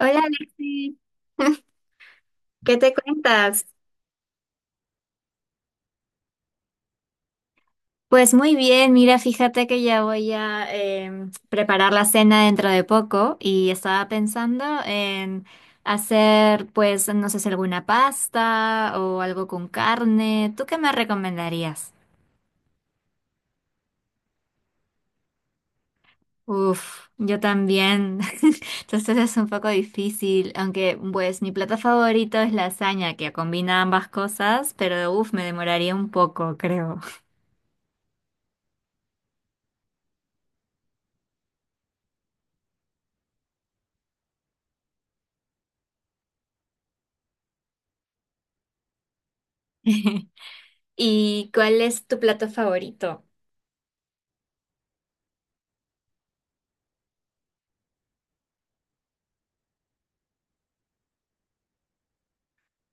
Hola Alexis, ¿qué te cuentas? Pues muy bien, mira, fíjate que ya voy a preparar la cena dentro de poco y estaba pensando en hacer, pues, no sé si alguna pasta o algo con carne. ¿Tú qué me recomendarías? Uf, yo también. Entonces es un poco difícil, aunque pues mi plato favorito es lasaña, que combina ambas cosas, pero uf, me demoraría un poco, creo. ¿Y cuál es tu plato favorito?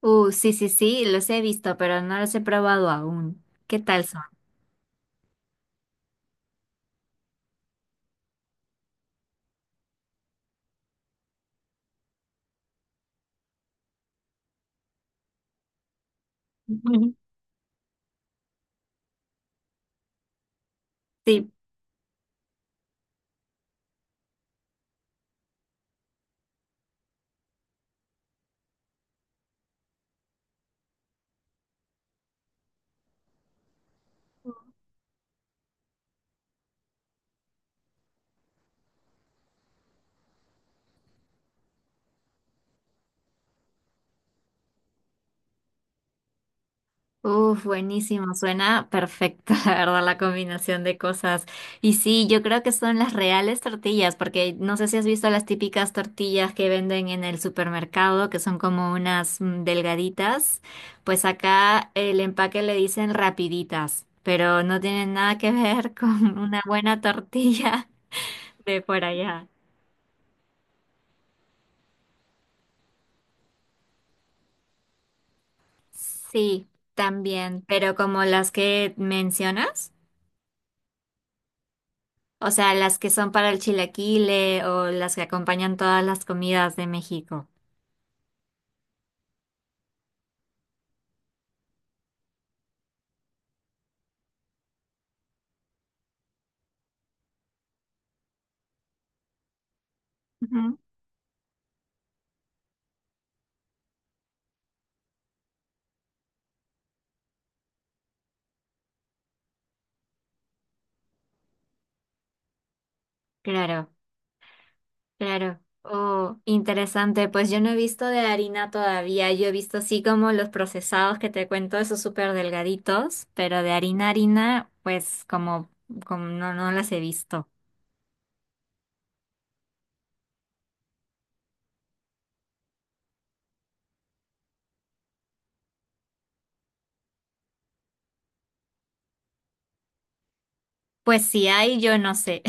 Sí, sí, sí, los he visto, pero no los he probado aún. ¿Qué tal son? Ujú. Sí. Uf, buenísimo, suena perfecta, la verdad, la combinación de cosas. Y sí, yo creo que son las reales tortillas, porque no sé si has visto las típicas tortillas que venden en el supermercado, que son como unas delgaditas. Pues acá el empaque le dicen rapiditas, pero no tienen nada que ver con una buena tortilla de por allá. Sí, también, pero como las que mencionas, o sea, las que son para el chilaquile o las que acompañan todas las comidas de México. Ujú. Claro, claro. Oh, interesante. Pues yo no he visto de harina todavía. Yo he visto así como los procesados que te cuento, esos súper delgaditos, pero de harina, harina, pues como no, no las he visto. Pues si hay, yo no sé.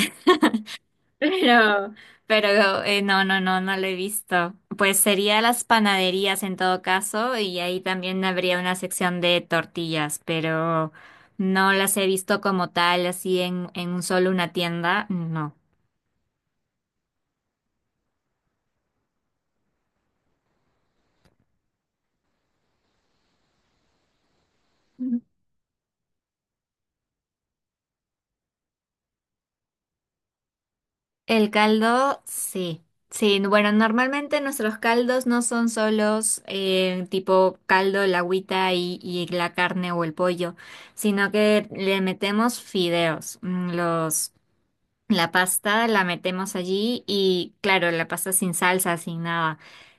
Pero, pero no, no, no, no lo he visto. Pues sería las panaderías en todo caso, y ahí también habría una sección de tortillas, pero no las he visto como tal, así en un solo una tienda, no. El caldo, sí. Sí, bueno, normalmente nuestros caldos no son solos tipo caldo, la agüita y la carne o el pollo, sino que le metemos fideos, mm, los La pasta la metemos allí y claro, la pasta sin salsa, sin nada.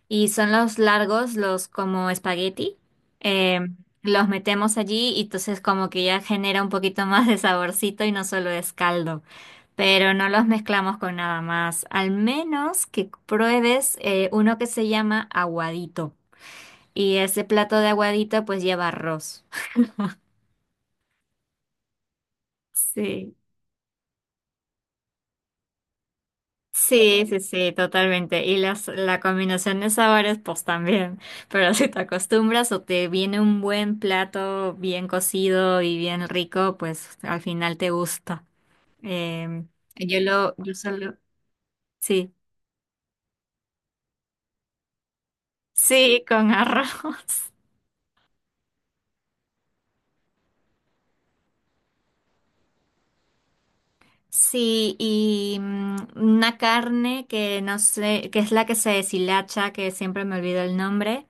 Y son los largos, los como espagueti. eh, los metemos allí y entonces como que ya genera un poquito más de saborcito y no solo es caldo. Pero no los mezclamos con nada más. Al menos que pruebes uno que se llama aguadito. Y ese plato de aguadito pues lleva arroz. Sí. Sí, sí, sí, totalmente. Y la combinación de sabores, pues también. Pero si te acostumbras o te viene un buen plato bien cocido y bien rico, pues al final te gusta. Em, yo solo, sí, sí, con arroz. Sí, y una carne que no sé, que es la que se deshilacha, que siempre me olvido el nombre.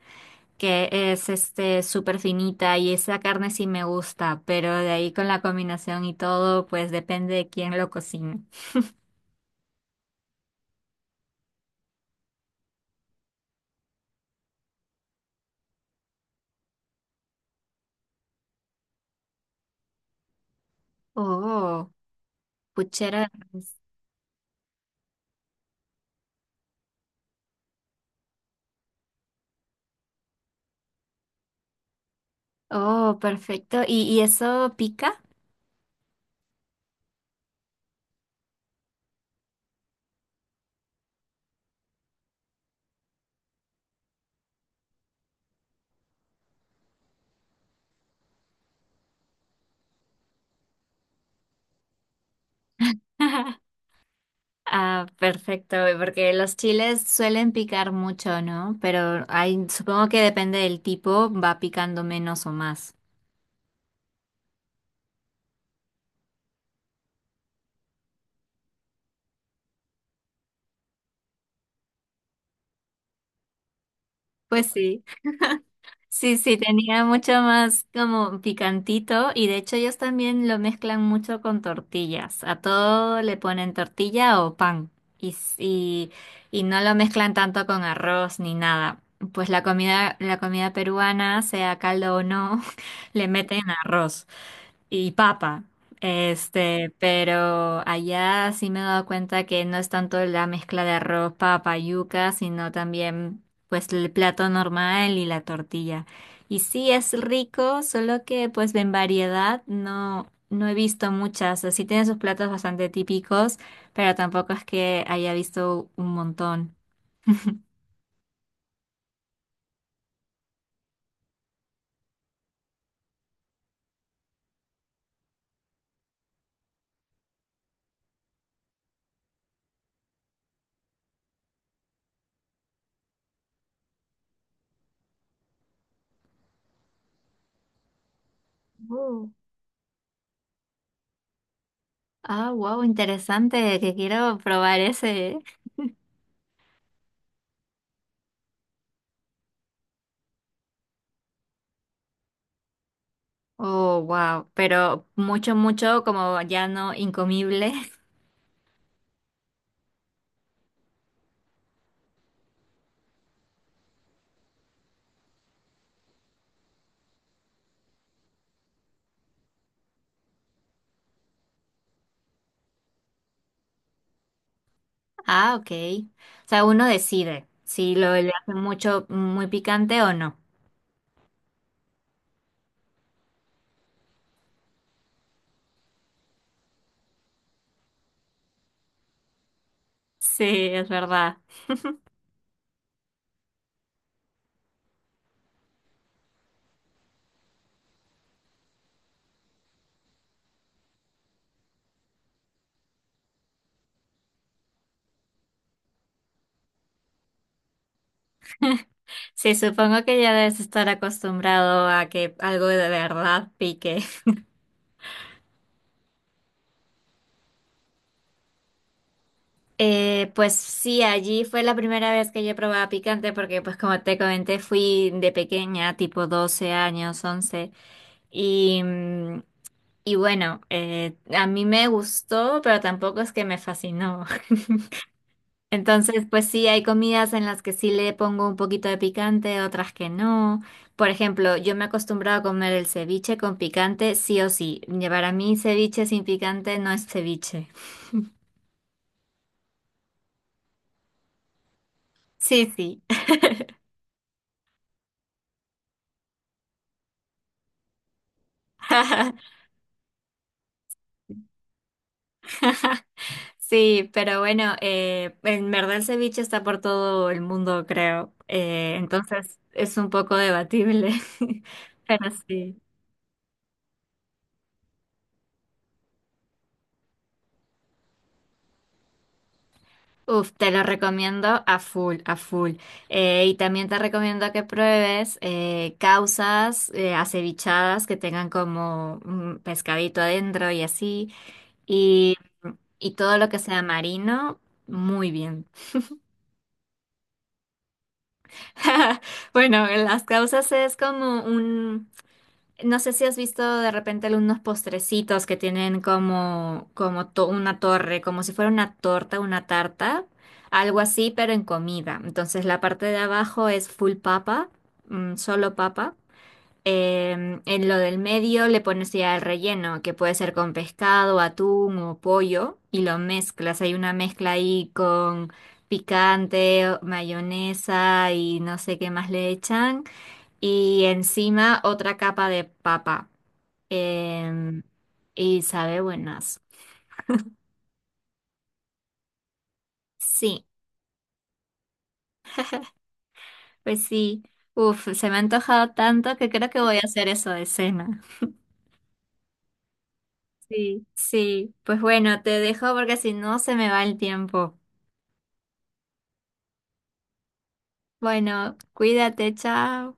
Que es súper finita y esa carne sí me gusta, pero de ahí con la combinación y todo, pues depende de quién lo cocina. Oh, puchera de res. Oh, perfecto. ¿Y eso pica? Ah, perfecto, porque los chiles suelen picar mucho, ¿no? Pero hay, supongo que depende del tipo, va picando menos o más. Pues sí. Sí, sí, tenía mucho más como picantito y de hecho ellos también lo mezclan mucho con tortillas. A todo le ponen tortilla o pan y, s- y, y no lo mezclan tanto con arroz ni nada. Pues la comida peruana, sea caldo o no, le meten arroz y papa. Pero allá sí me he dado cuenta que no es tanto la mezcla de arroz, papa, yuca, sino también pues el plato normal y la tortilla. Y sí es rico, solo que pues en variedad no, no he visto muchas. O sea, sí tiene sus platos bastante típicos, pero tampoco es que haya visto un montón. Oh. Ah, wow, interesante, que quiero probar ese. Oh, wow, pero mucho, mucho como ya no incomible. Ah, ok. O sea, uno decide si lo le hace mucho, muy picante o no. Sí, es verdad. Sí, supongo que ya debes estar acostumbrado a que algo de verdad pique. Pues sí, allí fue la primera vez que yo probaba picante porque pues como te comenté fui de pequeña, tipo 12 años, 11. Y mm, Y bueno, a mí me gustó, pero tampoco es que me fascinó. Entonces, pues sí, hay comidas en las que sí le pongo un poquito de picante, otras que no. Por ejemplo, yo me he acostumbrado a comer el ceviche con picante, sí o sí. Para mí, ceviche sin picante no es ceviche. Sí, sí. Sí, pero bueno, en verdad el ceviche está por todo el mundo, creo. Entonces, es un poco debatible. Pero sí. Uf, te lo recomiendo a full, a full. Y también te recomiendo que pruebes causas acevichadas que tengan como un pescadito adentro y así. Y, y todo lo que sea marino, muy bien. Bueno, las causas es como un. No sé si has visto de repente algunos postrecitos que tienen como una torre, como si fuera una torta, una tarta, algo así, pero en comida. Entonces la parte de abajo es full papa, solo papa. En lo del medio le pones ya el relleno, que puede ser con pescado, atún o pollo, y lo mezclas. Hay una mezcla ahí con picante, mayonesa y no sé qué más le echan. Y encima otra capa de papa. Em, y sabe buenas. Sí, pues sí. Uf, se me ha antojado tanto que creo que voy a hacer eso de cena. Sí, sí. Pues bueno, te dejo porque si no se me va el tiempo. Bueno, cuídate, chao.